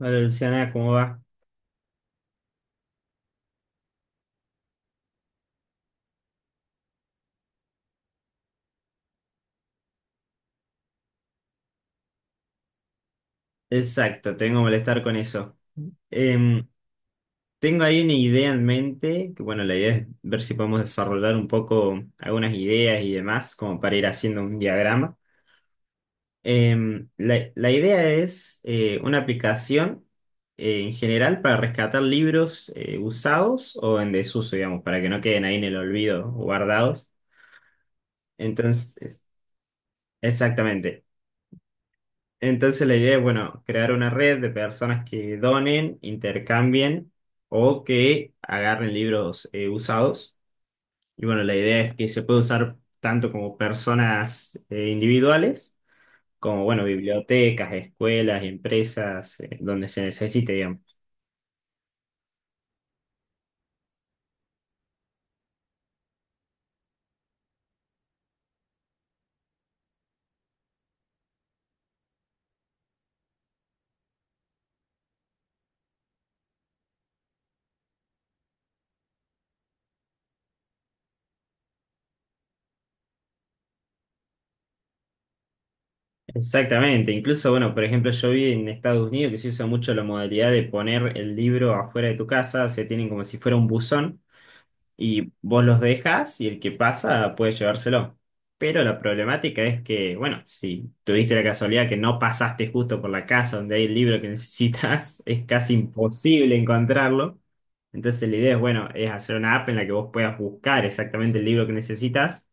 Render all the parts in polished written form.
Hola Luciana, ¿cómo va? Exacto, tengo que molestar con eso. Em, Tengo ahí una idea en mente, que bueno, la idea es ver si podemos desarrollar un poco algunas ideas y demás, como para ir haciendo un diagrama. La idea es una aplicación en general para rescatar libros usados o en desuso, digamos, para que no queden ahí en el olvido o guardados. Entonces, exactamente. Entonces la idea es, bueno, crear una red de personas que donen, intercambien o que agarren libros usados. Y bueno, la idea es que se puede usar tanto como personas individuales, como, bueno, bibliotecas, escuelas, empresas, donde se necesite, digamos. Exactamente. Incluso, bueno, por ejemplo, yo vi en Estados Unidos que se usa mucho la modalidad de poner el libro afuera de tu casa, o sea, tienen como si fuera un buzón. Y vos los dejas y el que pasa puede llevárselo. Pero la problemática es que, bueno, si tuviste la casualidad que no pasaste justo por la casa donde hay el libro que necesitas, es casi imposible encontrarlo. Entonces la idea es, bueno, es hacer una app en la que vos puedas buscar exactamente el libro que necesitas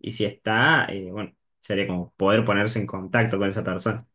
y si está, bueno, sería como poder ponerse en contacto con esa persona.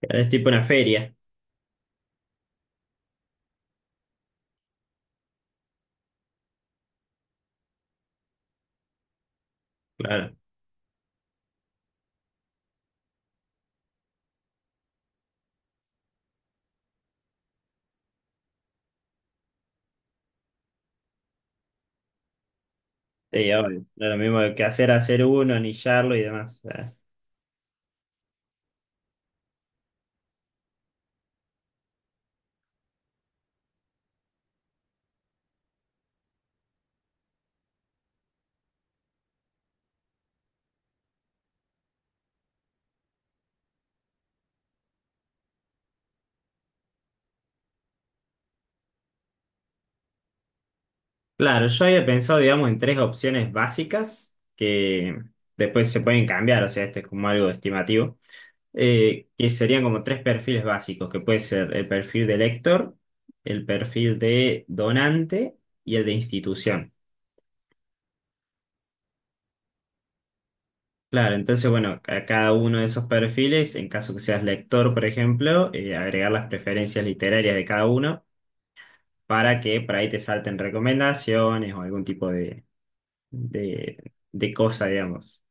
Claro, es tipo una feria, claro. Sí, obvio. No es lo mismo que hacer uno, anillarlo y demás. Claro, yo había pensado, digamos, en tres opciones básicas que después se pueden cambiar, o sea, este es como algo estimativo, que serían como tres perfiles básicos, que puede ser el perfil de lector, el perfil de donante y el de institución. Claro, entonces, bueno, a cada uno de esos perfiles, en caso que seas lector, por ejemplo, agregar las preferencias literarias de cada uno para que por ahí te salten recomendaciones o algún tipo de, de cosa, digamos.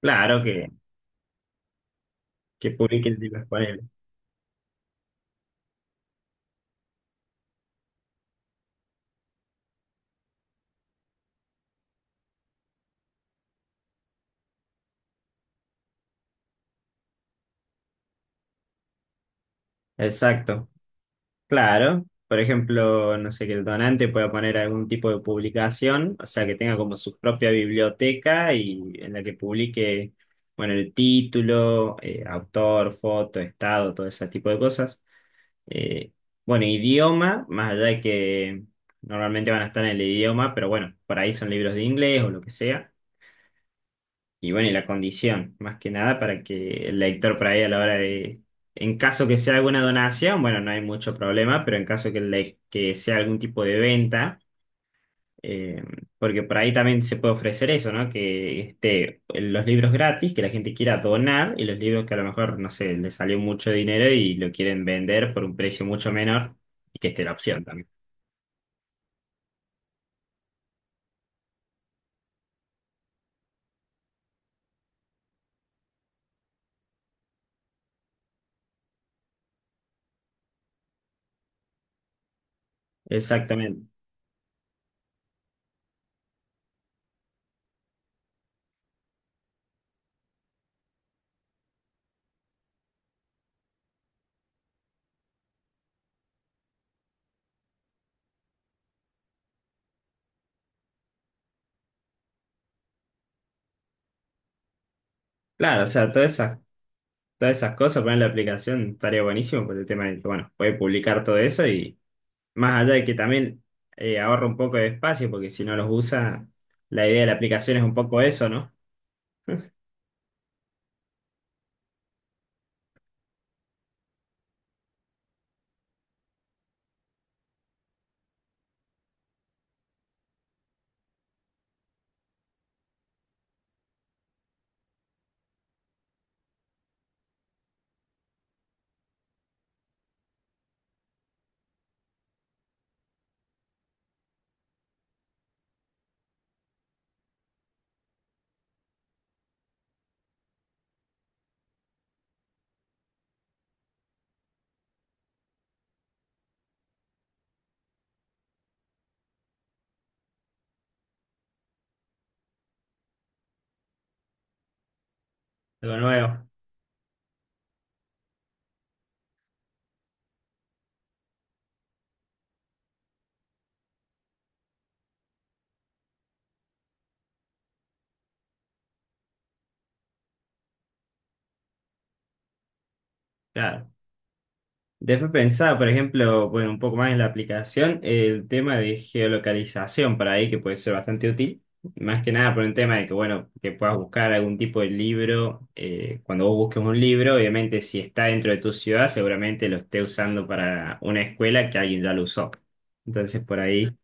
Claro que publiquen de los paneles. Exacto, claro. Por ejemplo, no sé, que el donante pueda poner algún tipo de publicación, o sea, que tenga como su propia biblioteca y en la que publique, bueno, el título, autor, foto, estado, todo ese tipo de cosas. Eh, bueno, idioma, más allá de que normalmente van a estar en el idioma, pero bueno, por ahí son libros de inglés o lo que sea. Y bueno, y la condición, más que nada, para que el lector por ahí a la hora de, en caso que sea alguna donación, bueno, no hay mucho problema, pero en caso que, que sea algún tipo de venta, eh, porque por ahí también se puede ofrecer eso, ¿no? Que esté los libros gratis, que la gente quiera donar y los libros que a lo mejor, no sé, le salió mucho dinero y lo quieren vender por un precio mucho menor y que esté la opción también. Exactamente. Claro, o sea, todas esas cosas, poner la aplicación estaría buenísimo por el tema de que, bueno, puede publicar todo eso y más allá de que también ahorra un poco de espacio, porque si no los usa, la idea de la aplicación es un poco eso, ¿no? Algo nuevo. Claro. Después pensaba, por ejemplo, bueno, un poco más en la aplicación, el tema de geolocalización para ahí, que puede ser bastante útil. Más que nada por el tema de que, bueno, que puedas buscar algún tipo de libro. Cuando vos busques un libro, obviamente si está dentro de tu ciudad, seguramente lo esté usando para una escuela que alguien ya lo usó. Entonces, por ahí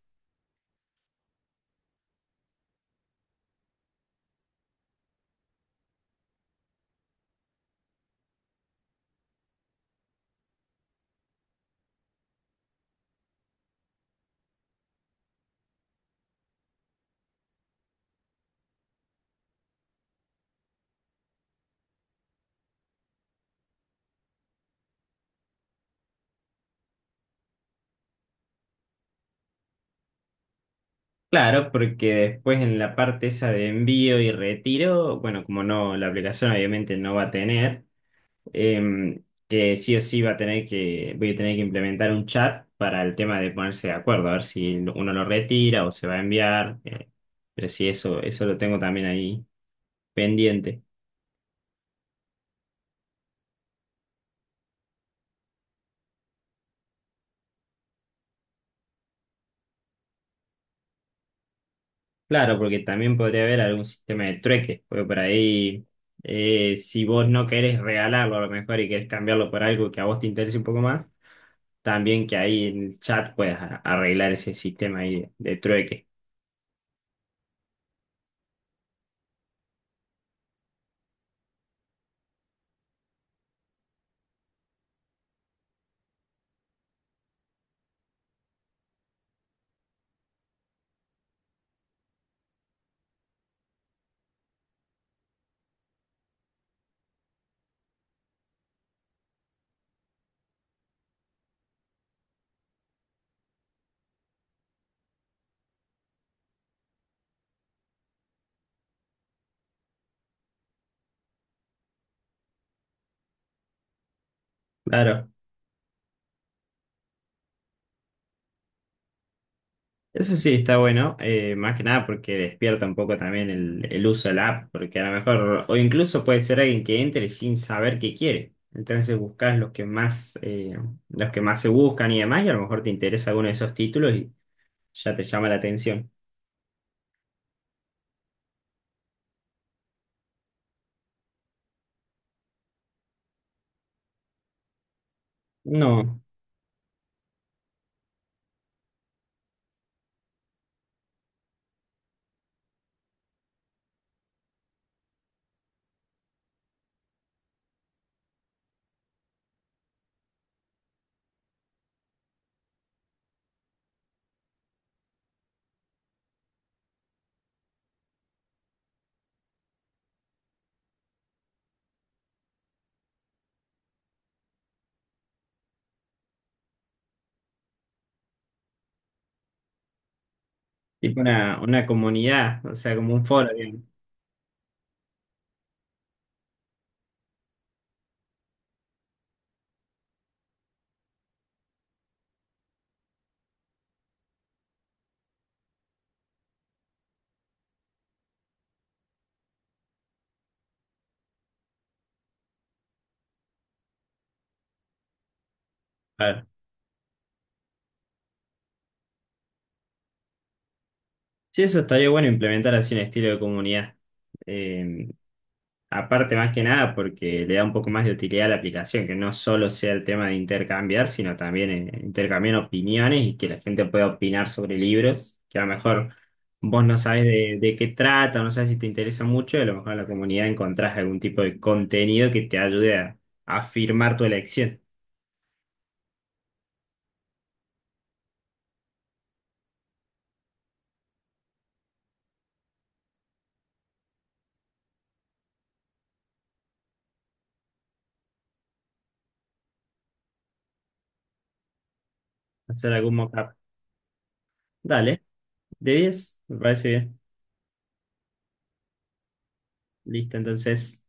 claro, porque después en la parte esa de envío y retiro, bueno, como no, la aplicación obviamente no va a tener, que sí o sí va a tener que, voy a tener que implementar un chat para el tema de ponerse de acuerdo, a ver si uno lo retira o se va a enviar, pero sí, eso lo tengo también ahí pendiente. Claro, porque también podría haber algún sistema de trueque, porque por ahí, si vos no querés regalarlo a lo mejor y querés cambiarlo por algo que a vos te interese un poco más, también que ahí en el chat puedas arreglar ese sistema ahí de trueque. Claro, eso sí está bueno, más que nada porque despierta un poco también el uso de la app, porque a lo mejor, o incluso puede ser alguien que entre sin saber qué quiere. Entonces buscas los que más se buscan y demás, y a lo mejor te interesa alguno de esos títulos ya te llama la atención. No, tipo una comunidad, o sea, como un foro, digamos. Claro. Sí, eso estaría bueno implementar así un estilo de comunidad. Eh, aparte, más que nada, porque le da un poco más de utilidad a la aplicación, que no solo sea el tema de intercambiar, sino también intercambiar opiniones y que la gente pueda opinar sobre libros, que a lo mejor vos no sabes de qué trata, no sabes si te interesa mucho, y a lo mejor en la comunidad encontrás algún tipo de contenido que te ayude a afirmar tu elección. Hacer algún mockup. Dale, de 10 me parece bien. Listo, entonces.